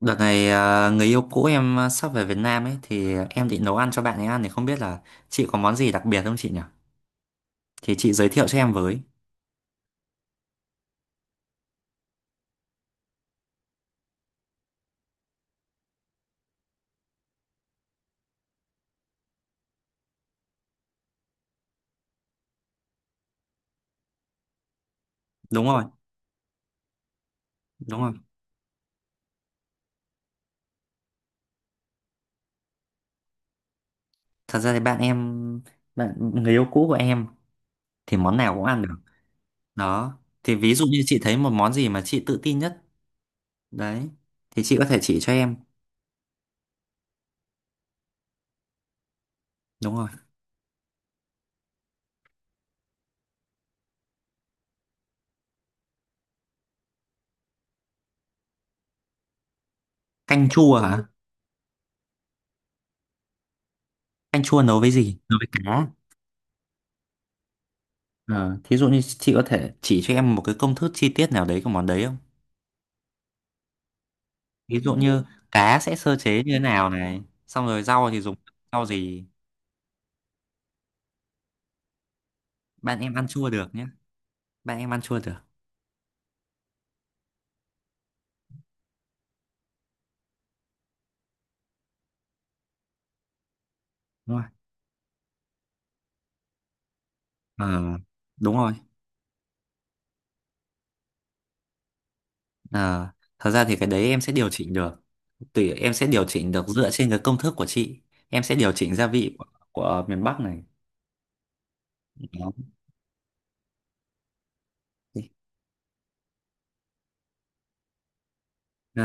Đợt này à, người yêu cũ em à, sắp về Việt Nam ấy thì em định nấu ăn cho bạn ấy ăn thì không biết là chị có món gì đặc biệt không chị nhỉ? Thì chị giới thiệu cho em với. Đúng rồi, đúng rồi. Thật ra thì bạn người yêu cũ của em thì món nào cũng ăn được. Đó. Thì ví dụ như chị thấy một món gì mà chị tự tin nhất đấy thì chị có thể chỉ cho em. Đúng rồi. Canh chua hả? Canh chua nấu với gì? Nấu với cá. Ờ, thí dụ như chị có thể chỉ cho em một cái công thức chi tiết nào đấy của món đấy, ví dụ như cá sẽ sơ chế như thế nào này, xong rồi rau thì dùng rau gì. Bạn em ăn chua được nhé, bạn em ăn chua được đúng không? Ờ, đúng rồi. Ờ, thật ra thì cái đấy em sẽ điều chỉnh được, tùy em sẽ điều chỉnh được dựa trên cái công thức của chị. Em sẽ điều chỉnh gia vị của miền Bắc này. Đó. Ờ,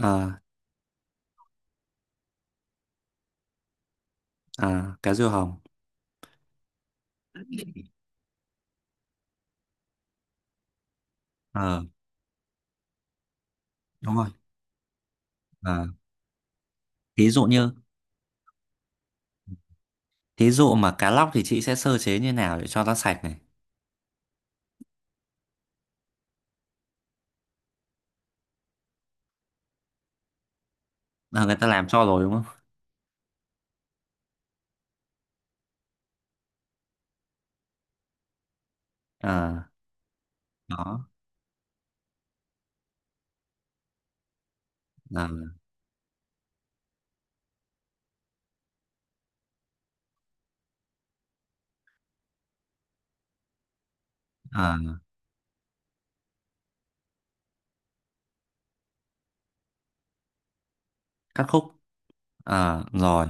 ờ, ờ, cá riêu hồng. Ờ, đúng rồi. Ờ, thí dụ như thí dụ mà cá lóc thì chị sẽ sơ chế như nào để cho nó sạch này. Ờ, người ta làm cho rồi đúng không. Ờ, đó. Ờ, ờ. Cắt khúc. Ờ, rồi.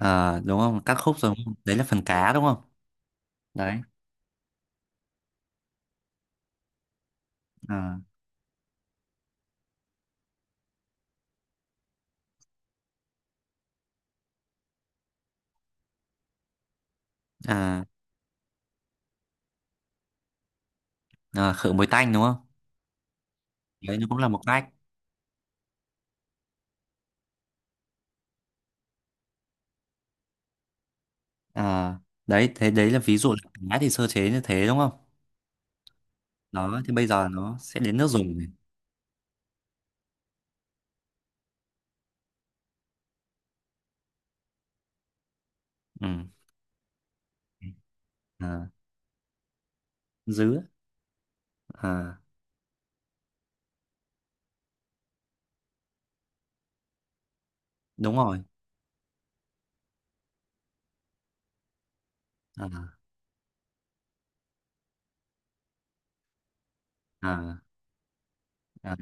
Ờ, đúng không, cắt khúc rồi đúng không? Đấy là phần cá đúng không đấy. à, à, khử mùi tanh đúng không. Đấy nó cũng là một cách. À, đấy thế đấy là ví dụ là cá thì sơ chế như thế đúng không. Đó thì bây giờ nó sẽ đến nước dùng này. Ừ. À, dứa. À, đúng rồi. à, à, à.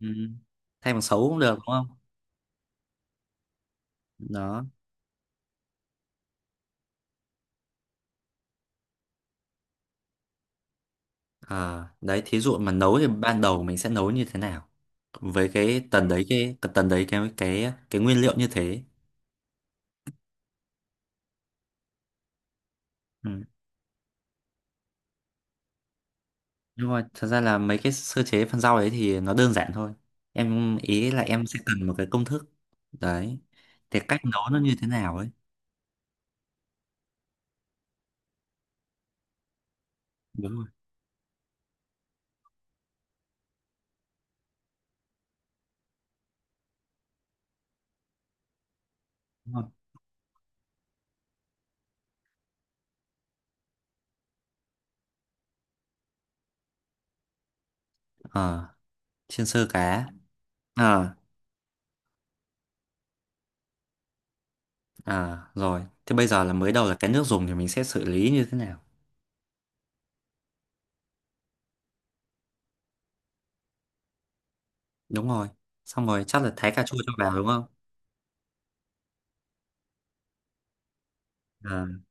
Ừ. Thay bằng sấu cũng được đúng không. Đó. À, đấy thí dụ mà nấu thì ban đầu mình sẽ nấu như thế nào với cái tần đấy, cái tần đấy, cái nguyên liệu như thế. Ừ. Nhưng mà thật ra là mấy cái sơ chế phần rau đấy thì nó đơn giản thôi. Em ý là em sẽ cần một cái công thức đấy, thì cách nấu nó như thế nào ấy. Đúng rồi, đúng rồi. Ờ, chiên sơ cá. ờ ờ rồi thế bây giờ là mới đầu là cái nước dùng thì mình sẽ xử lý như thế nào. Đúng rồi, xong rồi chắc là thái cà chua cho vào đúng không. ờ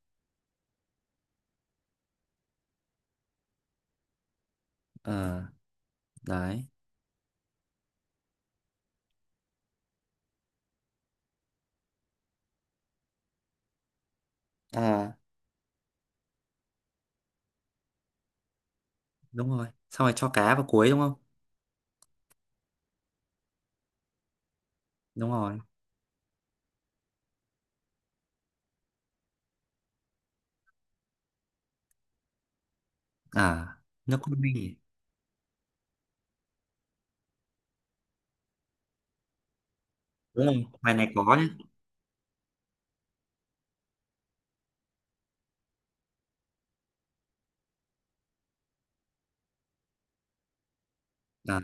ờ đấy. Ờ, đúng rồi, xong rồi cho cá vào cuối đúng không. Đúng rồi. À, nước cốt minh. Đúng rồi, ngoài này có nhé. À,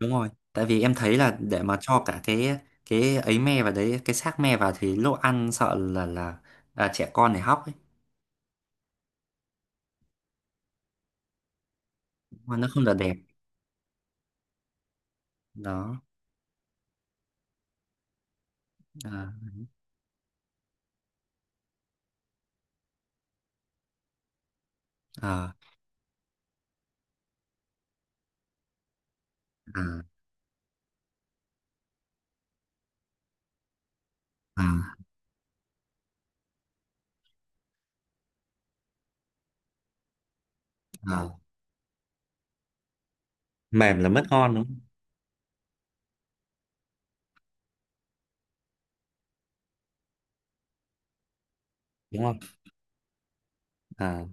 đúng rồi, tại vì em thấy là để mà cho cả cái ấy me vào đấy, cái xác me vào thì lúc ăn sợ là trẻ con này hóc ấy, mà nó không được đẹp. Đó. à à à à, à. Mềm là mất ngon đúng không, đúng không. à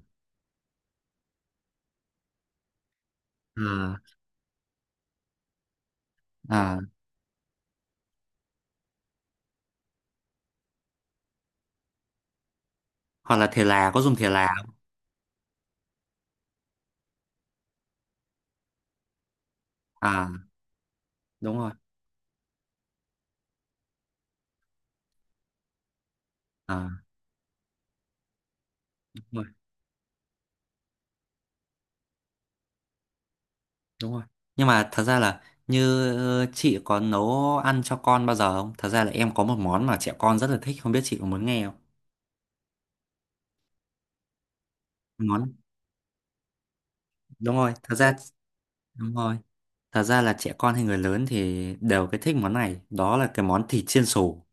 à à hoặc là thể là có dùng thể là không? À, đúng rồi. À, đúng rồi, đúng rồi. Nhưng mà thật ra là như chị có nấu ăn cho con bao giờ không, thật ra là em có một món mà trẻ con rất là thích không biết chị có muốn nghe không. Món. Đúng rồi, thật ra. Đúng rồi, thật ra là trẻ con hay người lớn thì đều cái thích món này, đó là cái món thịt chiên xù.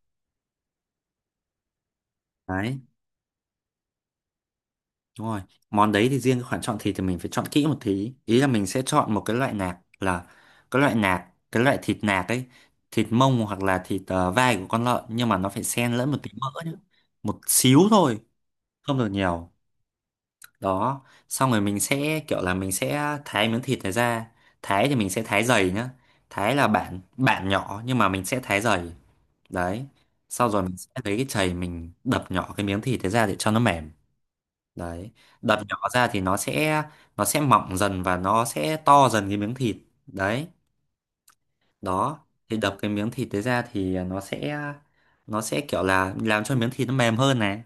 Đấy. Đúng rồi. Món đấy thì riêng cái khoản chọn thịt thì mình phải chọn kỹ một tí, ý là mình sẽ chọn một cái loại nạc, là cái loại thịt nạc ấy. Thịt mông hoặc là thịt vai của con lợn, nhưng mà nó phải xen lẫn một tí mỡ nữa. Một xíu thôi, không được nhiều. Đó, xong rồi mình sẽ kiểu là mình sẽ thái miếng thịt này ra. Thái thì mình sẽ thái dày nhá, thái là bản bản nhỏ nhưng mà mình sẽ thái dày. Đấy, sau rồi mình sẽ lấy cái chày mình đập nhỏ cái miếng thịt đấy ra để cho nó mềm. Đấy, đập nhỏ ra thì nó sẽ mỏng dần và nó sẽ to dần cái miếng thịt. Đấy. Đó, thì đập cái miếng thịt đấy ra thì nó sẽ kiểu là làm cho miếng thịt nó mềm hơn này.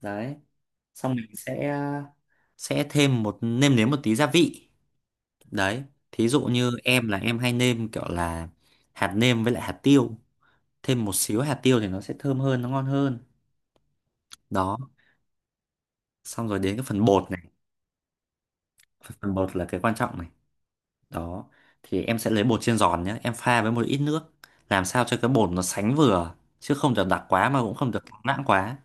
Đấy, xong mình sẽ thêm một nêm nếm một tí gia vị. Đấy, thí dụ như em là em hay nêm kiểu là hạt nêm với lại hạt tiêu. Thêm một xíu hạt tiêu thì nó sẽ thơm hơn, nó ngon hơn. Đó, xong rồi đến cái phần bột này. Phần bột là cái quan trọng này. Đó, thì em sẽ lấy bột chiên giòn nhé. Em pha với một ít nước. Làm sao cho cái bột nó sánh vừa. Chứ không được đặc quá mà cũng không được loãng quá.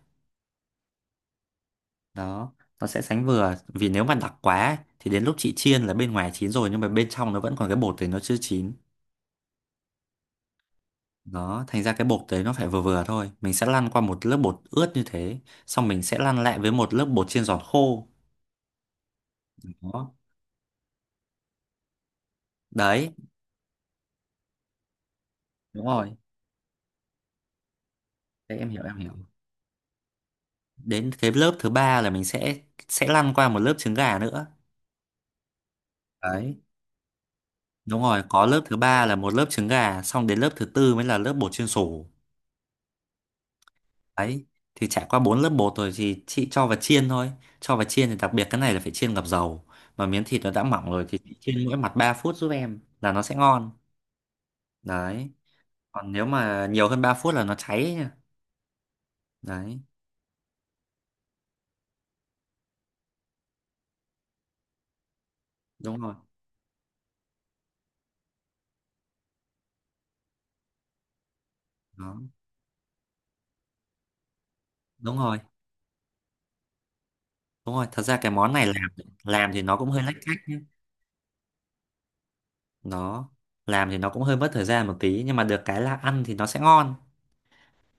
Đó, nó sẽ sánh vừa. Vì nếu mà đặc quá thì đến lúc chị chiên là bên ngoài chín rồi nhưng mà bên trong nó vẫn còn cái bột thì nó chưa chín. Đó, thành ra cái bột đấy nó phải vừa vừa thôi. Mình sẽ lăn qua một lớp bột ướt như thế, xong mình sẽ lăn lại với một lớp bột chiên giòn khô. Đó. Đấy, đúng rồi. Đấy, em hiểu em hiểu. Đến cái lớp thứ ba là mình sẽ lăn qua một lớp trứng gà nữa. Đấy, đúng rồi, có lớp thứ ba là một lớp trứng gà, xong đến lớp thứ tư mới là lớp bột chiên xù. Đấy, thì trải qua bốn lớp bột rồi thì chị cho vào chiên thôi. Cho vào chiên thì đặc biệt cái này là phải chiên ngập dầu. Mà miếng thịt nó đã mỏng rồi thì chị chiên mỗi mặt 3 phút giúp em là nó sẽ ngon. Đấy. Còn nếu mà nhiều hơn 3 phút là nó cháy ấy nha. Đấy, đúng rồi. Đó, đúng rồi, đúng rồi. Thật ra cái món này làm thì nó cũng hơi lách cách. Nó làm thì nó cũng hơi mất thời gian một tí nhưng mà được cái là ăn thì nó sẽ ngon,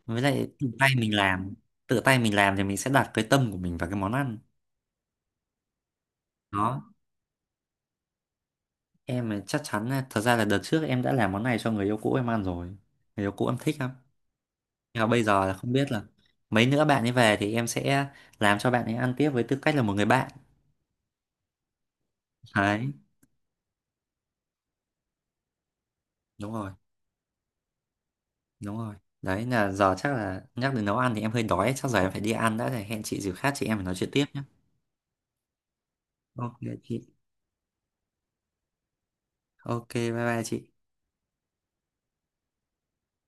với lại tự tay mình làm. Tự tay mình làm thì mình sẽ đặt cái tâm của mình vào cái món ăn. Đó, em là chắc chắn là- thật ra là đợt trước em đã làm món này cho người yêu cũ em ăn rồi, người yêu cũ em thích lắm. Nhưng mà bây giờ là không biết là mấy nữa bạn ấy về thì em sẽ làm cho bạn ấy ăn tiếp với tư cách là một người bạn. Đấy. Đúng rồi, đúng rồi. Đấy là giờ chắc là nhắc đến nấu ăn thì em hơi đói, chắc giờ em phải đi ăn đã, thì hẹn chị dịp khác chị em phải nói chuyện tiếp nhé. Ok chị, ok, bye bye chị.